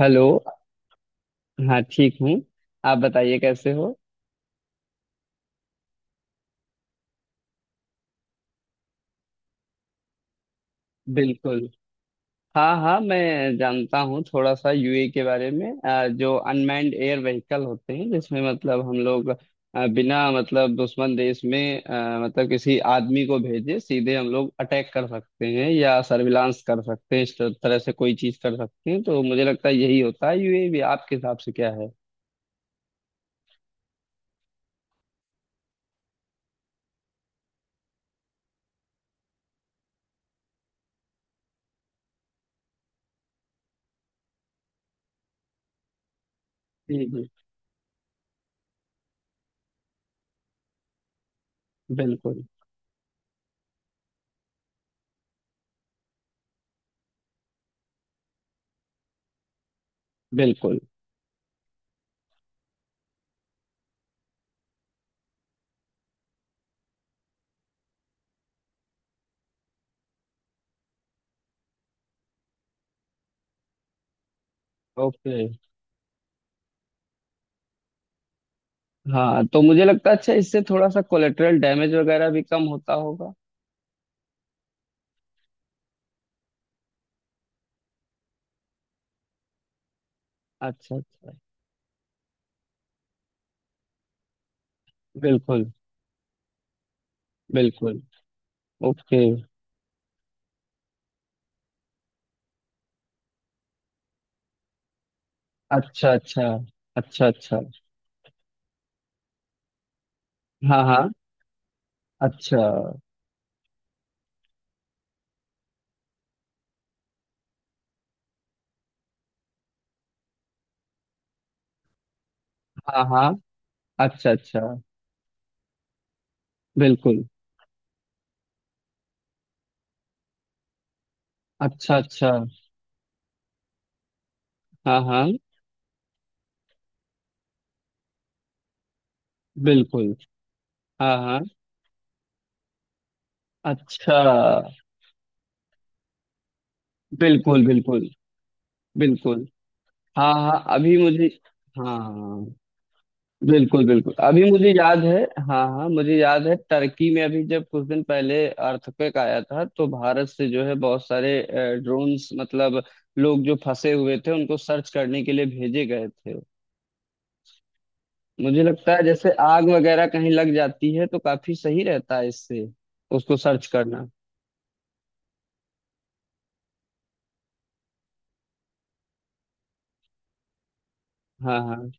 Hello. हाँ, ठीक हूँ। आप बताइए कैसे हो। बिल्कुल। हाँ हाँ, मैं जानता हूँ थोड़ा सा यूए के बारे में। जो अनमैन्ड एयर व्हीकल होते हैं जिसमें मतलब हम लोग बिना मतलब दुश्मन देश में मतलब किसी आदमी को भेजे सीधे हम लोग अटैक कर सकते हैं या सर्विलांस कर सकते हैं, इस तरह से कोई चीज कर सकते हैं। तो मुझे लगता है यही होता है यूए भी। आपके हिसाब से क्या है। जी जी। बिल्कुल। बिल्कुल। ओके। हाँ, तो मुझे लगता है अच्छा इससे थोड़ा सा कोलेटरल डैमेज वगैरह भी कम होता होगा। अच्छा अच्छा। बिल्कुल। बिल्कुल। ओके। अच्छा अच्छा। अच्छा अच्छा। हाँ हाँ। अच्छा। हाँ हाँ। अच्छा अच्छा। बिल्कुल। अच्छा अच्छा। हाँ हाँ। बिल्कुल। हाँ हाँ। अच्छा। बिल्कुल बिल्कुल। बिल्कुल। हाँ हाँ, अभी मुझे। हाँ हाँ। बिल्कुल बिल्कुल, अभी मुझे याद है। हाँ हाँ, मुझे याद है टर्की में अभी जब कुछ दिन पहले अर्थक्वेक आया था तो भारत से जो है बहुत सारे ड्रोन्स मतलब लोग जो फंसे हुए थे उनको सर्च करने के लिए भेजे गए थे। मुझे लगता है जैसे आग वगैरह कहीं लग जाती है तो काफी सही रहता है इससे उसको सर्च करना। हाँ हाँ।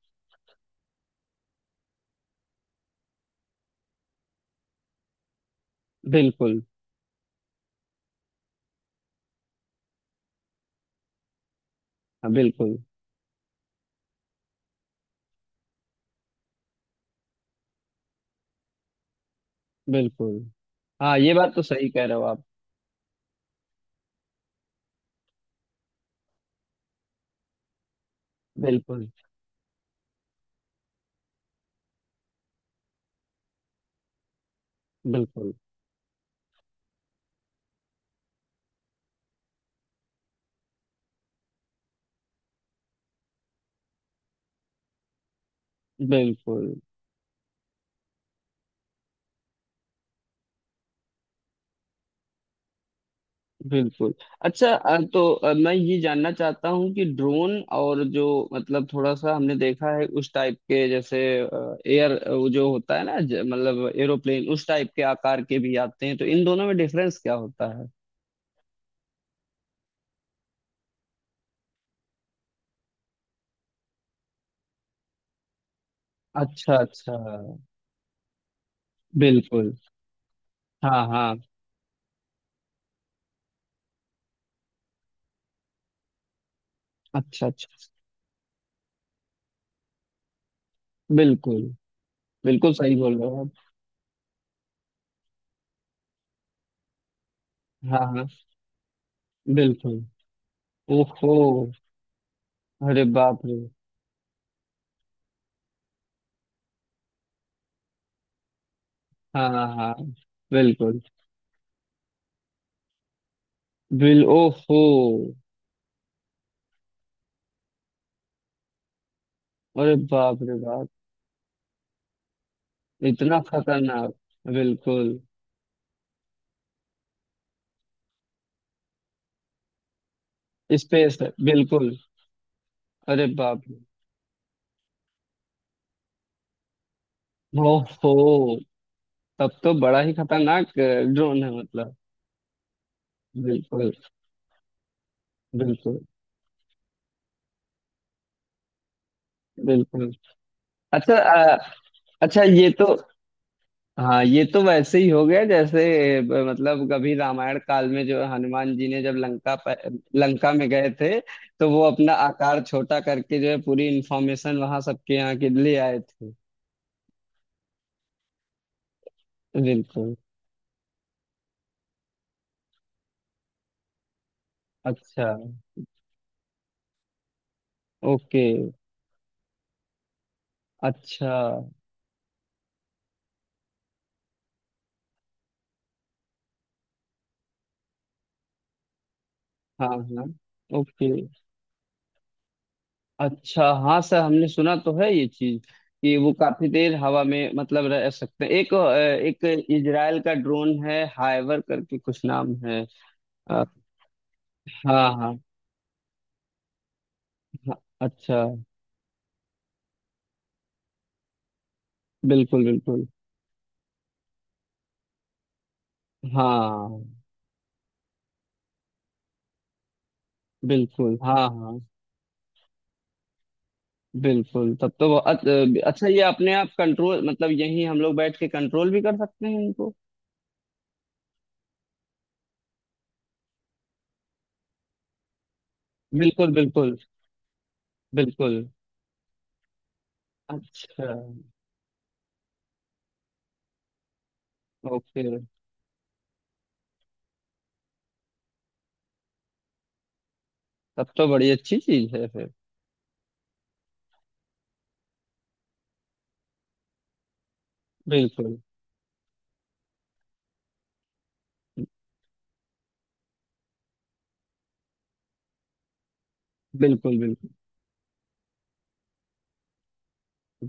बिल्कुल। हाँ, बिल्कुल बिल्कुल। हाँ ये बात तो सही कह रहे हो आप। बिल्कुल। बिल्कुल। बिल्कुल। बिल्कुल। अच्छा, मैं ये जानना चाहता हूँ कि ड्रोन और जो, मतलब थोड़ा सा हमने देखा है उस टाइप के। जैसे एयर वो जो होता है ना मतलब एरोप्लेन उस टाइप के आकार के भी आते हैं, तो इन दोनों में डिफरेंस क्या होता है। अच्छा अच्छा। बिल्कुल। हाँ हाँ। अच्छा अच्छा। बिल्कुल। बिल्कुल सही बोल रहे हो आप। हाँ हाँ। बिल्कुल। ओहो। अरे बाप रे। हाँ। हाँ। बिल्कुल। बिल ओहो। अरे बाप रे बाप। इतना खतरनाक। बिल्कुल। स्पेस है बिल्कुल। अरे बाप रे। ओहो। तब तो बड़ा ही खतरनाक ड्रोन है मतलब। बिल्कुल। बिल्कुल। बिल्कुल। अच्छा अच्छा ये तो, हाँ ये तो वैसे ही हो गया जैसे मतलब कभी रामायण काल में जो हनुमान जी ने जब लंका लंका में गए थे तो वो अपना आकार छोटा करके जो है पूरी इंफॉर्मेशन वहां सबके यहाँ के लिए आए थे। बिल्कुल। अच्छा। ओके। अच्छा। हाँ हाँ। ओके। अच्छा हाँ सर, हमने सुना तो है ये चीज कि वो काफी देर हवा में मतलब रह सकते हैं। एक इजराइल का ड्रोन है हाइवर करके कुछ नाम है। अ, हाँ हाँ। हाँ, अच्छा। बिल्कुल बिल्कुल। हाँ। बिल्कुल। हाँ हाँ। बिल्कुल तब तो वो अच्छा ये अपने आप कंट्रोल मतलब यहीं हम लोग बैठ के कंट्रोल भी कर सकते हैं इनको। बिल्कुल बिल्कुल। बिल्कुल। अच्छा। ओके। तब तो बड़ी अच्छी चीज है फिर। बिल्कुल। बिल्कुल। बिल्कुल।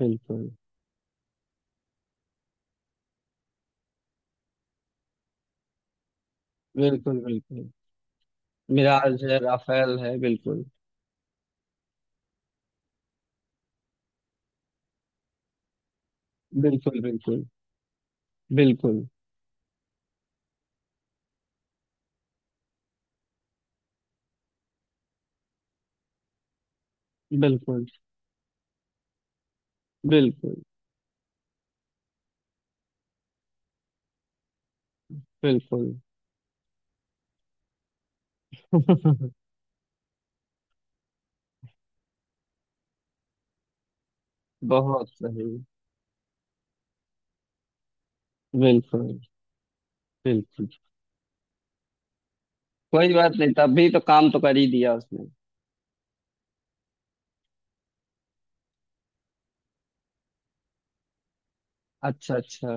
बिल्कुल। बिल्कुल। बिल्कुल। मिराज है, राफेल है, बिल्कुल। बिल्कुल। बिल्कुल। बिल्कुल। बिल्कुल। बिल्कुल। बिल्कुल। बहुत सही। बिल्कुल। बिल्कुल। कोई बात नहीं, तभी तो काम तो कर ही दिया उसने। अच्छा अच्छा।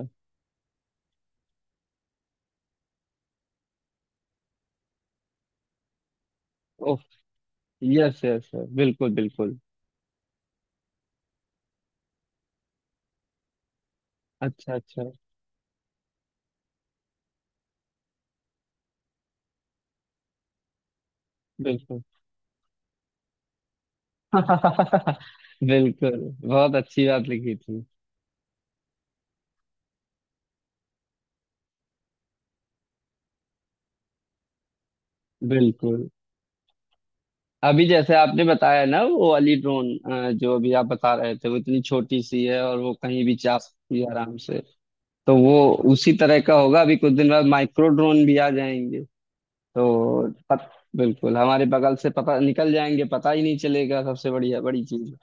ओह। Yes yes. बिल्कुल बिल्कुल। अच्छा अच्छा। बिल्कुल। बिल्कुल। बहुत अच्छी बात लिखी थी। बिल्कुल। अभी जैसे आपने बताया ना वो वाली ड्रोन जो अभी आप बता रहे थे वो इतनी छोटी सी है और वो कहीं भी जा सकती है आराम से। तो वो उसी तरह का होगा, अभी कुछ दिन बाद माइक्रो ड्रोन भी आ जाएंगे। तो पत, बिल्कुल हमारे बगल से पता निकल जाएंगे, पता ही नहीं चलेगा, सबसे बढ़िया बड़ी चीज।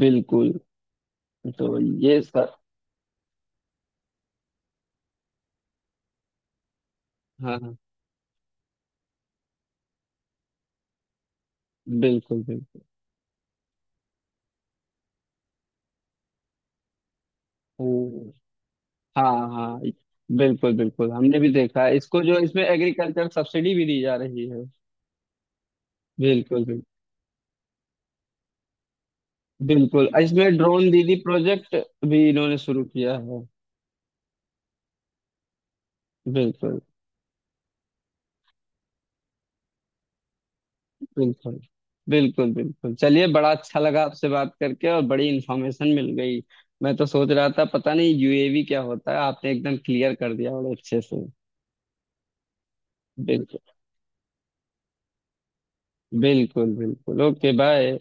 बिल्कुल। तो ये सर, हाँ हाँ। बिल्कुल बिल्कुल। ओ, हाँ हाँ। बिल्कुल बिल्कुल, हमने भी देखा है इसको, जो इसमें एग्रीकल्चर सब्सिडी भी दी जा रही है। बिल्कुल बिल्कुल। बिल्कुल इसमें ड्रोन दीदी प्रोजेक्ट भी इन्होंने शुरू किया है। बिल्कुल। बिल्कुल बिल्कुल। बिल्कुल चलिए, बड़ा अच्छा लगा आपसे बात करके और बड़ी इंफॉर्मेशन मिल गई। मैं तो सोच रहा था पता नहीं यूएवी क्या होता है, आपने एकदम क्लियर कर दिया बड़े अच्छे से। बिल्कुल। बिल्कुल बिल्कुल। Okay bye.